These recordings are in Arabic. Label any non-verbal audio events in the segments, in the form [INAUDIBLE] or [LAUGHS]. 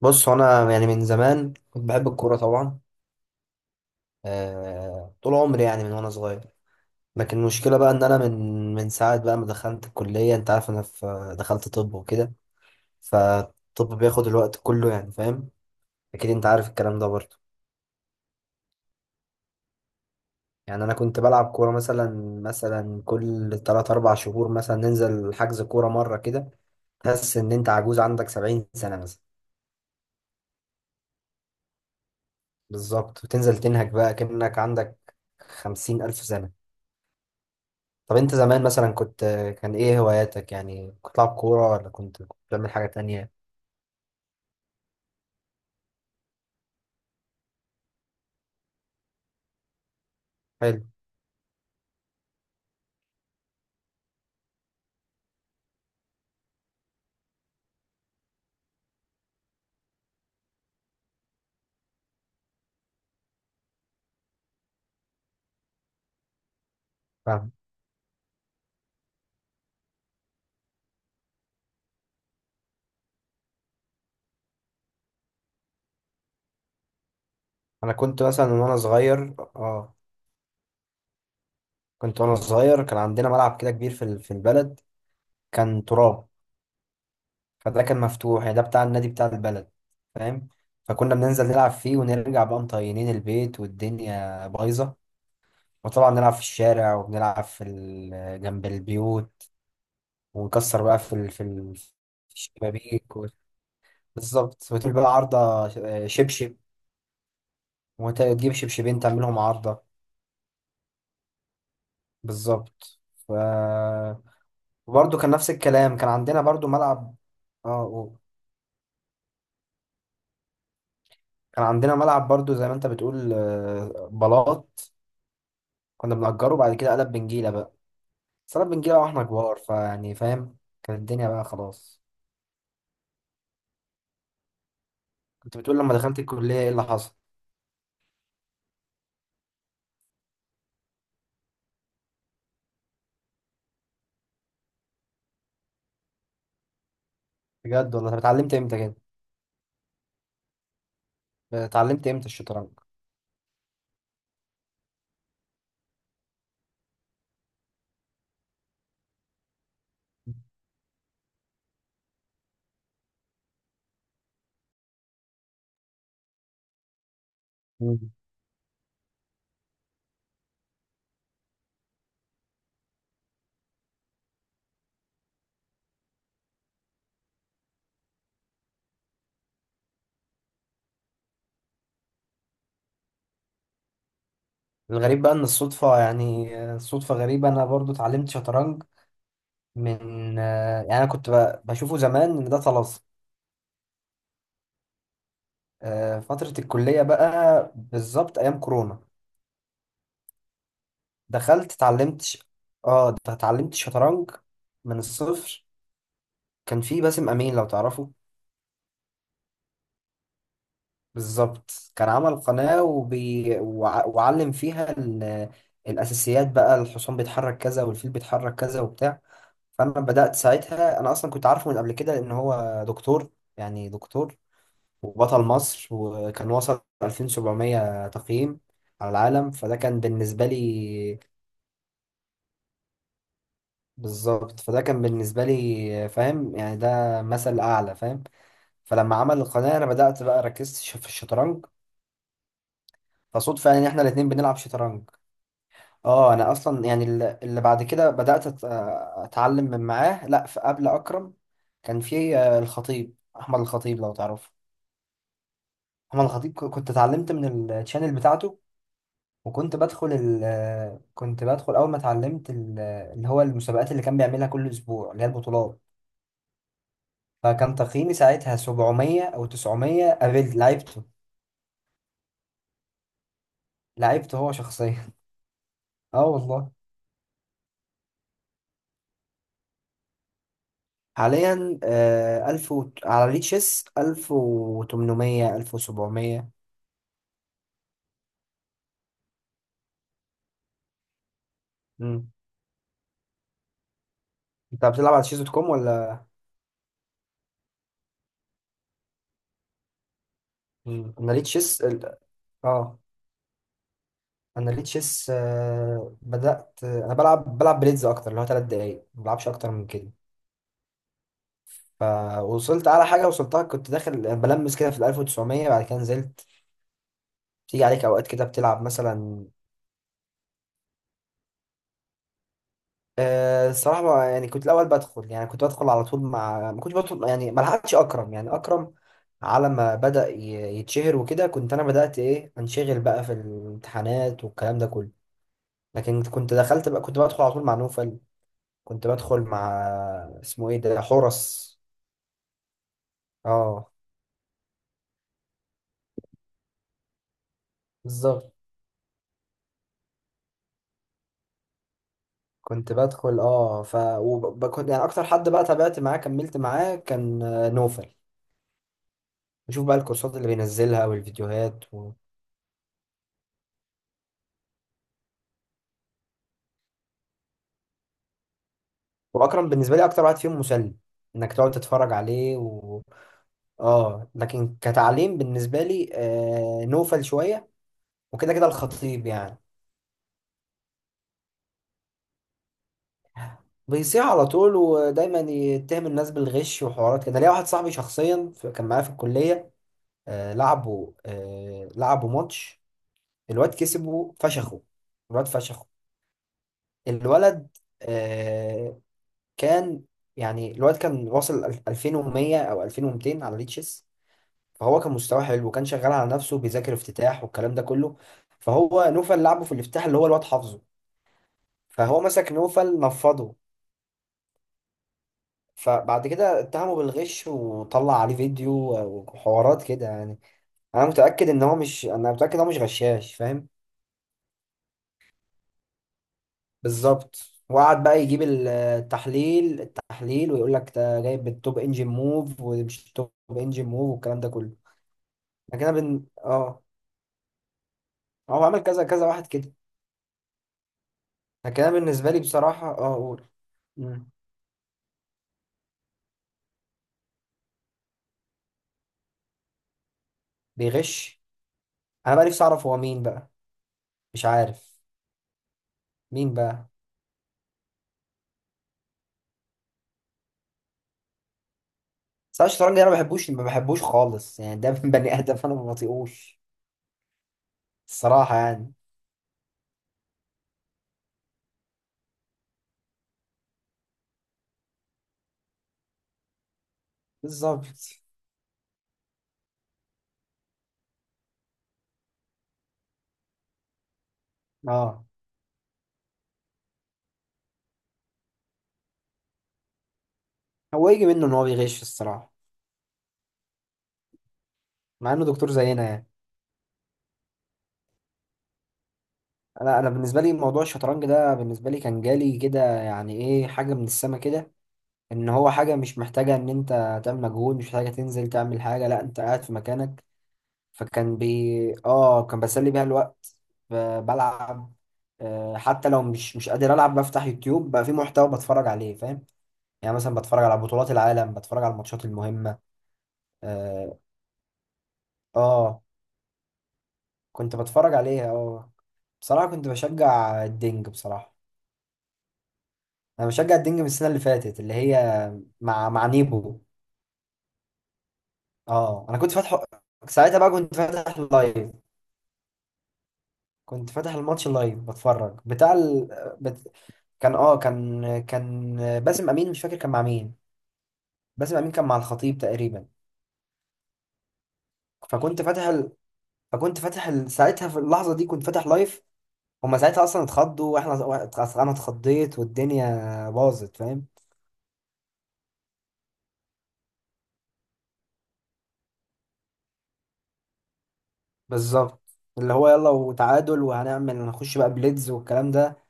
بص، هو انا يعني من زمان كنت بحب الكوره طبعا. آه، طول عمري يعني من وانا صغير. لكن المشكله بقى ان انا من ساعه بقى ما دخلت الكليه. انت عارف انا دخلت طب وكده، فالطب بياخد الوقت كله، يعني فاهم. اكيد انت عارف الكلام ده برضه. يعني انا كنت بلعب كوره مثلا كل 3 4 شهور مثلا، ننزل حجز كوره مره كده. تحس ان انت عجوز عندك 70 سنه مثلا. بالظبط، وتنزل تنهج بقى كأنك عندك 50 ألف سنة. طب انت زمان مثلا كنت، كان ايه هواياتك؟ يعني كنت بتلعب كورة ولا كنت بتعمل حاجة تانية؟ حلو. فاهم. انا كنت مثلا وانا صغير، اه، كنت وانا صغير كان عندنا ملعب كده كبير في البلد، كان تراب. فده كان مفتوح، يعني ده بتاع النادي بتاع البلد، فاهم. فكنا بننزل نلعب فيه ونرجع بقى مطينين البيت والدنيا بايظة. وطبعا نلعب في الشارع، وبنلعب جنب البيوت، ونكسر بقى في الشبابيك بالظبط. وتقول بقى عارضة شبشب، وتجيب شبشبين تعملهم عارضة. بالظبط. ف... وبرضه كان نفس الكلام، كان عندنا برضه ملعب. اه قول. كان عندنا ملعب برضه زي ما انت بتقول، آه، بلاط، كنا بنأجره. بعد كده قلب بنجيلة بقى. بس قلب بنجيلة واحنا كبار، فيعني فاهم. كانت الدنيا بقى خلاص. كنت بتقول لما دخلت الكلية ايه اللي حصل. بجد والله؟ طب اتعلمت امتى كده؟ اتعلمت امتى الشطرنج؟ مم. الغريب بقى ان الصدفة، يعني آه، صدفة غريبة، انا برضو اتعلمت شطرنج من، آه، يعني انا كنت بشوفه زمان ان ده طلاسم. آه، فترة الكلية بقى بالظبط ايام كورونا. دخلت اتعلمت ش- اه ده اتعلمت شطرنج من الصفر. كان في باسم امين لو تعرفه. بالظبط، كان عمل قناة وعلم فيها ال... الاساسيات بقى، الحصان بيتحرك كذا والفيل بيتحرك كذا وبتاع. فانا بدأت ساعتها، انا اصلا كنت عارفه من قبل كده، لان هو دكتور يعني، دكتور وبطل مصر، وكان وصل 2700 تقييم على العالم. فده كان بالنسبة لي، بالظبط، فده كان بالنسبة لي، فاهم يعني، ده مثل أعلى، فاهم. فلما عمل القناة أنا بدأت بقى ركزت في الشطرنج. فصدفة يعني إن إحنا الاتنين بنلعب شطرنج. أه أنا أصلا يعني اللي بعد كده بدأت أتعلم من معاه. لأ، في قبل أكرم كان في، آه، الخطيب، أحمد الخطيب لو تعرفه. أحمد الخطيب كنت اتعلمت من التشانل بتاعته. وكنت بدخل ال كنت بدخل أول ما اتعلمت ال-، اللي هو المسابقات اللي كان بيعملها كل أسبوع، اللي هي البطولات. فكان تقييمي ساعتها 700 أو 900. قابلت لعبته، لعبته هو شخصيا. [LAUGHS] اه والله. حاليا، آه، 1000 و... على ريتشيس 1800 1700. مم. انت بتلعب على شيز دوت كوم ولا؟ مم. انا ريتشيس ال... اه، انا ريتشيس، آه، بدأت انا بلعب بليدز اكتر، اللي هو 3 دقايق ما بلعبش اكتر من كده. فوصلت على حاجة وصلتها، كنت داخل بلمس كده في ال 1900، بعد كده نزلت. بتيجي عليك أوقات كده بتلعب مثلا. آه، الصراحة بقى، يعني كنت الأول بدخل، يعني كنت بدخل على طول، مع ما كنتش بدخل يعني، ما لحقتش أكرم، يعني أكرم على ما بدأ يتشهر وكده كنت أنا بدأت إيه، أنشغل بقى في الامتحانات والكلام ده كله. لكن كنت دخلت بقى، كنت بدخل على طول مع نوفل. كنت بدخل مع، اسمه إيه ده، حورس. أه، بالظبط. كنت بدخل، اه، ف، وكنت يعني اكتر حد بقى تابعت معاه كملت معاه كان، آه، نوفل. بشوف بقى الكورسات اللي بينزلها والفيديوهات و... واكرم بالنسبه لي اكتر واحد فيهم مسلي، انك تقعد تتفرج عليه و... اه، لكن كتعليم بالنسبه لي، آه، نوفل شويه، وكده كده الخطيب يعني. بيصيح على طول، ودايما يتهم الناس بالغش وحوارات كده. ليا واحد صاحبي شخصيا كان معايا في الكليه، آه، لعبوا ماتش. الواد كسبه فشخه، الواد فشخه. الولد، آه، كان، يعني الولد كان واصل ال- 2100 او 2200 على ريتشس. فهو كان مستواه حلو، وكان شغال على نفسه بيذاكر افتتاح والكلام ده كله. فهو نوفل لعبه في الافتتاح اللي هو الواد حافظه. فهو مسك نوفل نفضه. فبعد كده اتهمه بالغش، وطلع عليه فيديو وحوارات كده يعني. انا متاكد ان هو مش، انا متاكد ان هو مش غشاش، فاهم. بالظبط. وقعد بقى يجيب التحليل، ويقول لك ده جايب بالتوب انجن موف ومش توب انجن موف والكلام ده كله. لكن انا بن...، اه، هو عمل كذا كذا واحد كده. لكن انا بالنسبه لي بصراحه، اه، اقول، مم، بيغش. انا بقى نفسي اعرف هو مين بقى. مش عارف مين بقى. بس أنا الشطرنج ده انا ما بحبوش خالص، يعني ده [LAUGHS] بني ادم انا ما بطيقوش، الصراحه يعني. بالظبط. اه، هو يجي منه ان هو بيغش الصراحه، مع انه دكتور زينا يعني. انا بالنسبه لي موضوع الشطرنج ده بالنسبه لي كان جالي كده، يعني ايه، حاجه من السما كده. ان هو حاجه مش محتاجه ان انت تعمل مجهود، مش محتاجه تنزل تعمل حاجه، لا انت قاعد في مكانك. فكان بي، اه، كان بسلي بيها الوقت، بلعب. آه، حتى لو مش قادر العب بفتح يوتيوب بقى، في محتوى بتفرج عليه، فاهم. يعني مثلا بتفرج على بطولات العالم، بتفرج على الماتشات المهمه. اه. آه، كنت بتفرج عليها، اه. بصراحه كنت بشجع الدنج، بصراحه. انا بشجع الدنج من السنه اللي فاتت، اللي هي مع نيبو. اه. انا كنت فاتحه ساعتها بقى، كنت فاتح لايف. كنت فاتح الماتش لايف بتفرج بتاع ال... بت... كان اه كان كان باسم امين، مش فاكر كان مع مين. باسم امين كان مع الخطيب تقريبا. فكنت فاتح ال... فكنت فاتح ال... ساعتها في اللحظه دي كنت فاتح لايف. هما ساعتها اصلا اتخضوا، واحنا، انا اتخضيت والدنيا باظت، فاهم. بالظبط. اللي هو يلا، وتعادل، وهنعمل، هنخش بقى بليدز والكلام ده.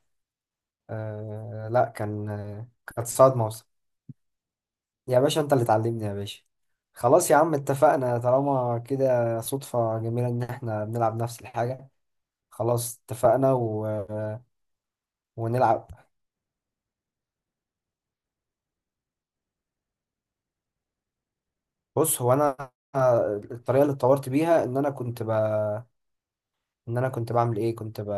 آه لا، كان، آه، كانت صعد موسم. يا باشا انت اللي تعلمني يا باشا. خلاص يا عم اتفقنا، طالما كده صدفة جميلة ان احنا بنلعب نفس الحاجة. خلاص اتفقنا و... ونلعب. بص، هو انا، آه، الطريقة اللي اتطورت بيها ان انا كنت ب...، ان انا كنت بعمل ايه، كنت ب...،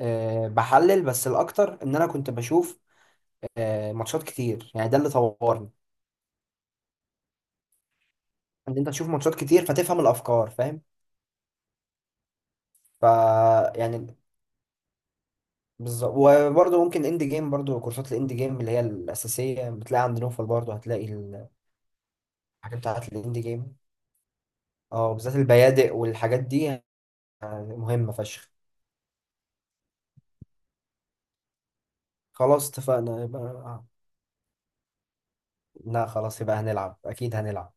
آه بحلل. بس الاكتر ان انا كنت بشوف، آه، ماتشات كتير، يعني ده اللي طورني. ان انت تشوف ماتشات كتير فتفهم الافكار، فاهم. ف، يعني، بالظبط. وبرضه ممكن اند جيم، برضه كورسات الاند جيم اللي هي الاساسيه بتلاقي عند نوفل، برضه هتلاقي الحاجات بتاعت الاند جيم، اه، بالذات البيادق والحاجات دي، آه، مهمه فشخ. خلاص اتفقنا يبقى. لا خلاص يبقى هنلعب، اكيد هنلعب.